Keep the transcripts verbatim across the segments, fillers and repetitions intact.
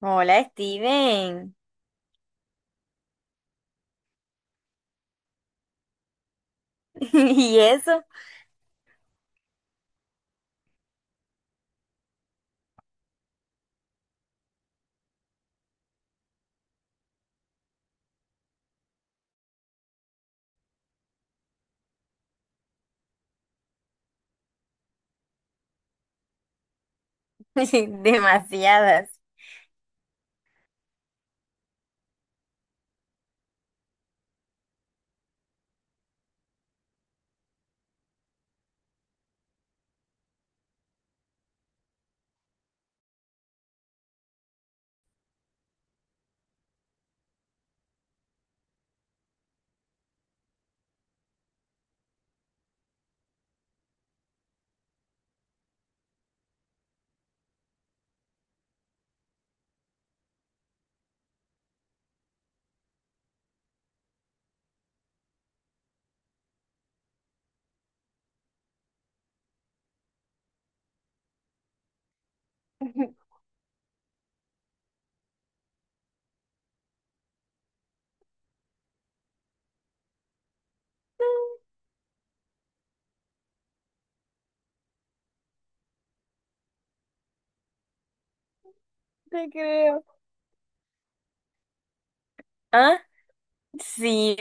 Hola, Steven. ¿Y eso? Demasiadas. Te creo. Ah, sí,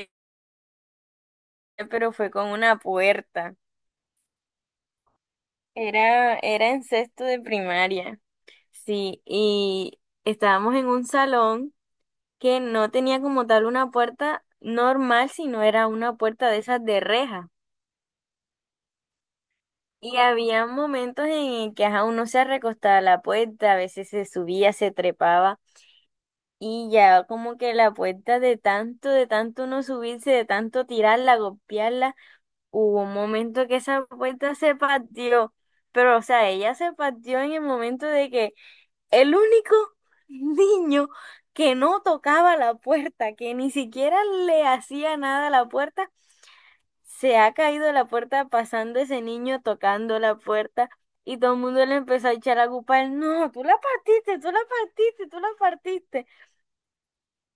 pero fue con una puerta. Era, era en sexto de primaria. Sí, y estábamos en un salón que no tenía como tal una puerta normal, sino era una puerta de esas de reja. Y había momentos en el que ajá, uno se recostaba a la puerta, a veces se subía, se trepaba. Y ya como que la puerta de tanto, de tanto no subirse, de tanto tirarla, golpearla, hubo un momento que esa puerta se partió. Pero, o sea, ella se partió en el momento de que el único niño que no tocaba la puerta, que ni siquiera le hacía nada a la puerta, se ha caído de la puerta pasando ese niño tocando la puerta. Y todo el mundo le empezó a echar la culpa a él. No, tú la partiste, tú la partiste, tú la partiste.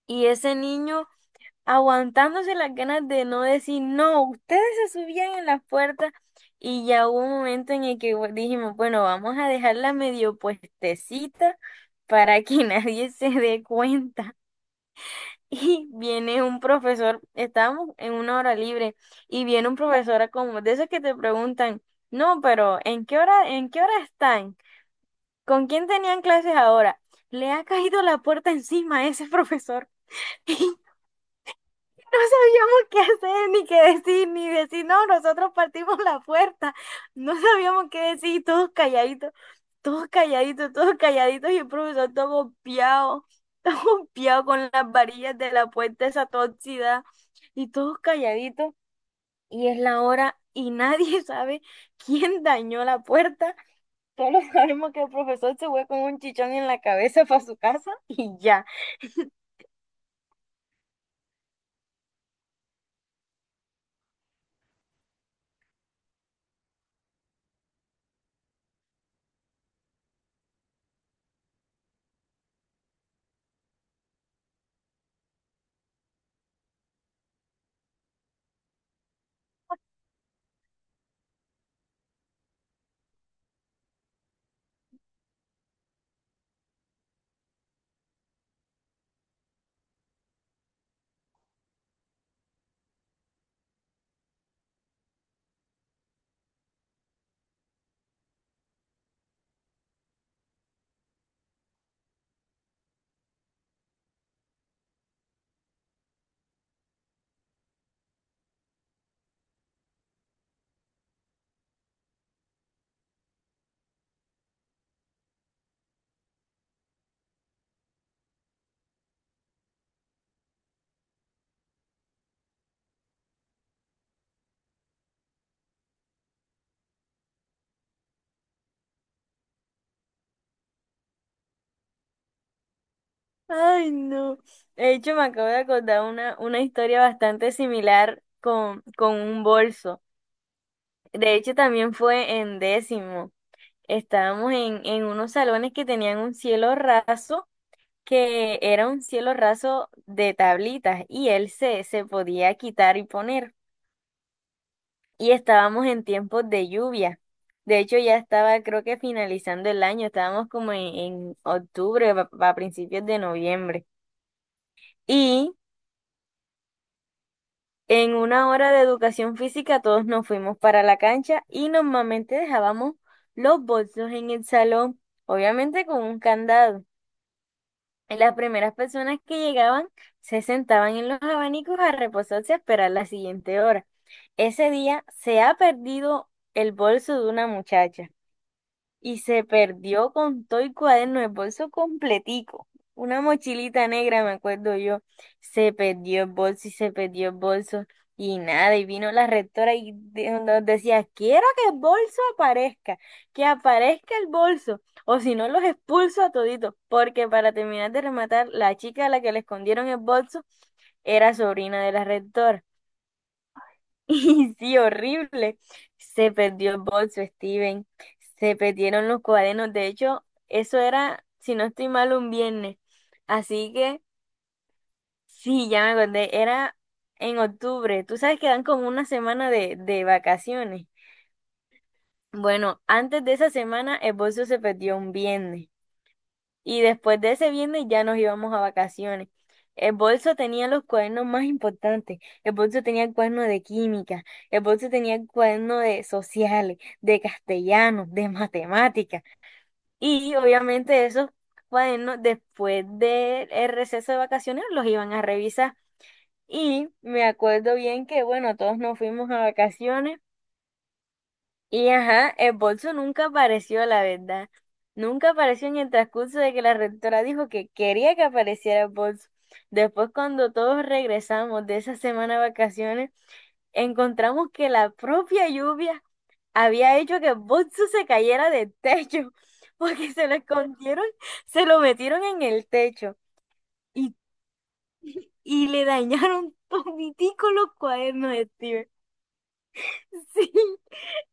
Y ese niño aguantándose las ganas de no decir, no, ustedes se subían en las puertas y ya hubo un momento en el que bu- dijimos, bueno, vamos a dejarla medio puestecita para que nadie se dé cuenta. Y viene un profesor, estábamos en una hora libre y viene un profesor a como de esos que te preguntan, no, pero ¿en qué hora, en qué hora están? ¿Con quién tenían clases ahora? Le ha caído la puerta encima a ese profesor. No sabíamos qué hacer, ni qué decir, ni decir, no, nosotros partimos la puerta. No sabíamos qué decir, todos calladitos, todos calladitos, todos calladitos, y el profesor todo golpeado, todo golpeado con las varillas de la puerta, esa tóxida, y todos calladitos, y es la hora, y nadie sabe quién dañó la puerta. Solo sabemos que el profesor se fue con un chichón en la cabeza para su casa y ya. Ay, no. De hecho, me acabo de acordar una, una historia bastante similar con, con un bolso. De hecho, también fue en décimo. Estábamos en, en unos salones que tenían un cielo raso, que era un cielo raso de tablitas, y él se, se podía quitar y poner. Y estábamos en tiempos de lluvia. De hecho, ya estaba, creo que finalizando el año, estábamos como en, en octubre, a a principios de noviembre. Y en una hora de educación física todos nos fuimos para la cancha y normalmente dejábamos los bolsos en el salón, obviamente con un candado. Y las primeras personas que llegaban se sentaban en los abanicos a reposarse a esperar la siguiente hora. Ese día se ha perdido el bolso de una muchacha y se perdió con todo el cuaderno, el bolso completico. Una mochilita negra, me acuerdo yo. Se perdió el bolso y se perdió el bolso. Y nada, y vino la rectora y de- nos decía, quiero que el bolso aparezca, que aparezca el bolso, o si no los expulso a toditos, porque para terminar de rematar, la chica a la que le escondieron el bolso era sobrina de la rectora. Y sí, horrible. Se perdió el bolso, Steven. Se perdieron los cuadernos. De hecho, eso era, si no estoy mal, un viernes. Así que, sí, ya me acordé. Era en octubre. Tú sabes que dan como una semana de, de vacaciones. Bueno, antes de esa semana, el bolso se perdió un viernes. Y después de ese viernes ya nos íbamos a vacaciones. El bolso tenía los cuadernos más importantes. El bolso tenía el cuaderno de química. El bolso tenía el cuaderno de sociales, de castellano, de matemáticas. Y obviamente esos cuadernos después del receso de vacaciones los iban a revisar. Y me acuerdo bien que, bueno, todos nos fuimos a vacaciones. Y ajá, el bolso nunca apareció, la verdad. Nunca apareció en el transcurso de que la rectora dijo que quería que apareciera el bolso. Después, cuando todos regresamos de esa semana de vacaciones, encontramos que la propia lluvia había hecho que el bolso se cayera del techo, porque se lo escondieron, se lo metieron en el techo y, y le dañaron toditico los cuadernos de Steven. Sí.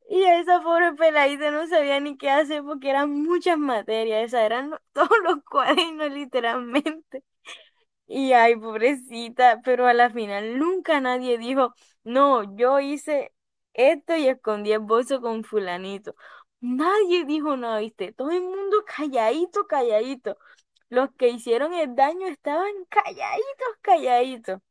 Y esa pobre peladita no sabía ni qué hacer porque eran muchas materias, esas eran lo- todos los cuadernos literalmente. Y ay, pobrecita, pero a la final nunca nadie dijo, no, yo hice esto y escondí el bolso con fulanito. Nadie dijo nada, ¿viste? Todo el mundo calladito, calladito. Los que hicieron el daño estaban calladitos, calladitos.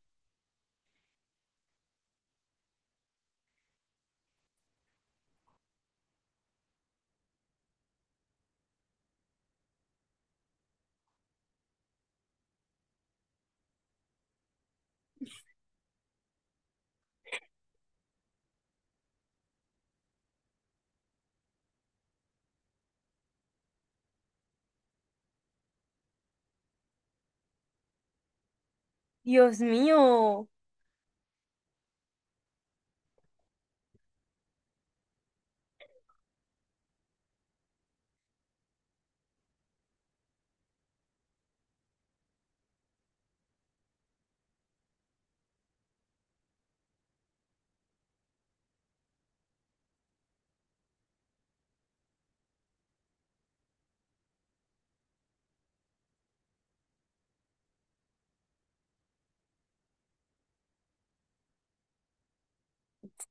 Dios mío.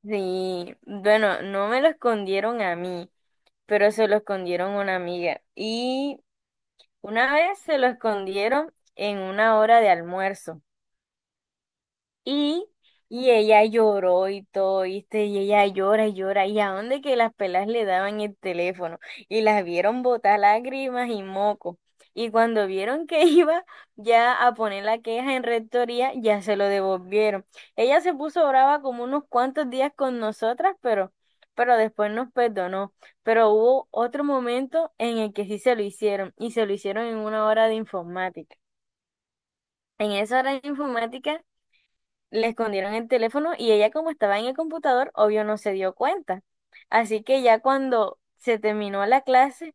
Sí, bueno, no me lo escondieron a mí, pero se lo escondieron a una amiga. Y una vez se lo escondieron en una hora de almuerzo. Y, y ella lloró y todo, ¿viste? Y ella llora y llora. ¿Y a dónde que las pelas le daban el teléfono? Y las vieron botar lágrimas y moco. Y cuando vieron que iba ya a poner la queja en rectoría, ya se lo devolvieron. Ella se puso brava como unos cuantos días con nosotras, pero, pero después nos perdonó. Pero hubo otro momento en el que sí se lo hicieron, y se lo hicieron en una hora de informática. En esa hora de informática le escondieron el teléfono y ella como estaba en el computador, obvio no se dio cuenta. Así que ya cuando se terminó la clase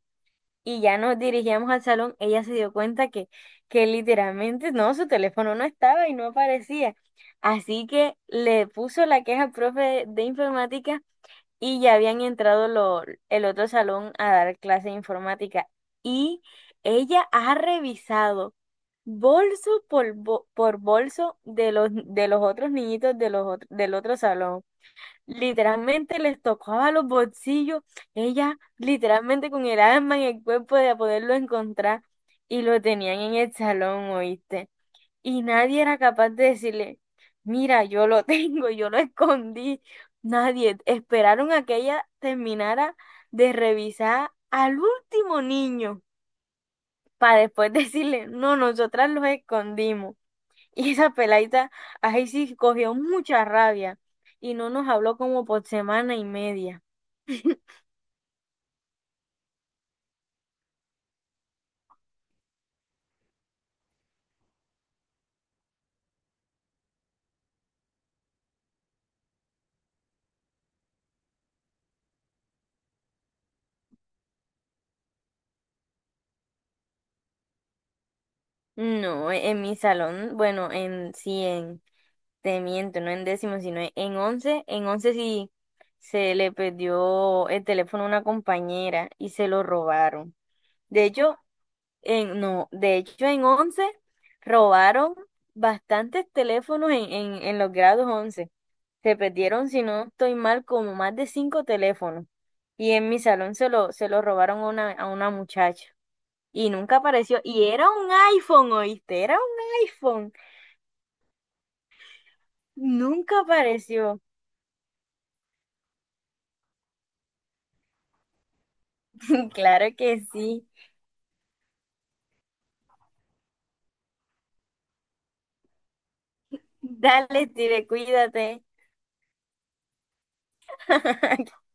y ya nos dirigíamos al salón, ella se dio cuenta que, que literalmente no, su teléfono no estaba y no aparecía. Así que le puso la queja al profe de, de informática y ya habían entrado lo- el otro salón a dar clase de informática. Y ella ha revisado bolso por, bo- por bolso de los, de los otros niñitos de los otro- del otro salón. Literalmente les tocaba los bolsillos. Ella, literalmente con el alma en el cuerpo de poderlo encontrar. Y lo tenían en el salón, ¿oíste? Y nadie era capaz de decirle, mira, yo lo tengo, yo lo escondí. Nadie. Esperaron a que ella terminara de revisar al último niño para después decirle, no, nosotras los escondimos. Y esa peladita, ahí sí cogió mucha rabia y no nos habló como por semana y media. No, e- en mi salón, bueno, en sí, en, te miento, no en décimo, sino en en once, en once sí se le perdió el teléfono a una compañera y se lo robaron. De hecho, en, no, de hecho en once robaron bastantes teléfonos en, en, en los grados once. Se perdieron, si no estoy mal, como más de cinco teléfonos. Y en mi salón se lo, se lo robaron a una, a una muchacha. Y nunca apareció. Y era un iPhone, ¿oíste? Era un iPhone. Nunca apareció. Claro que sí. Dale, Steve, cuídate.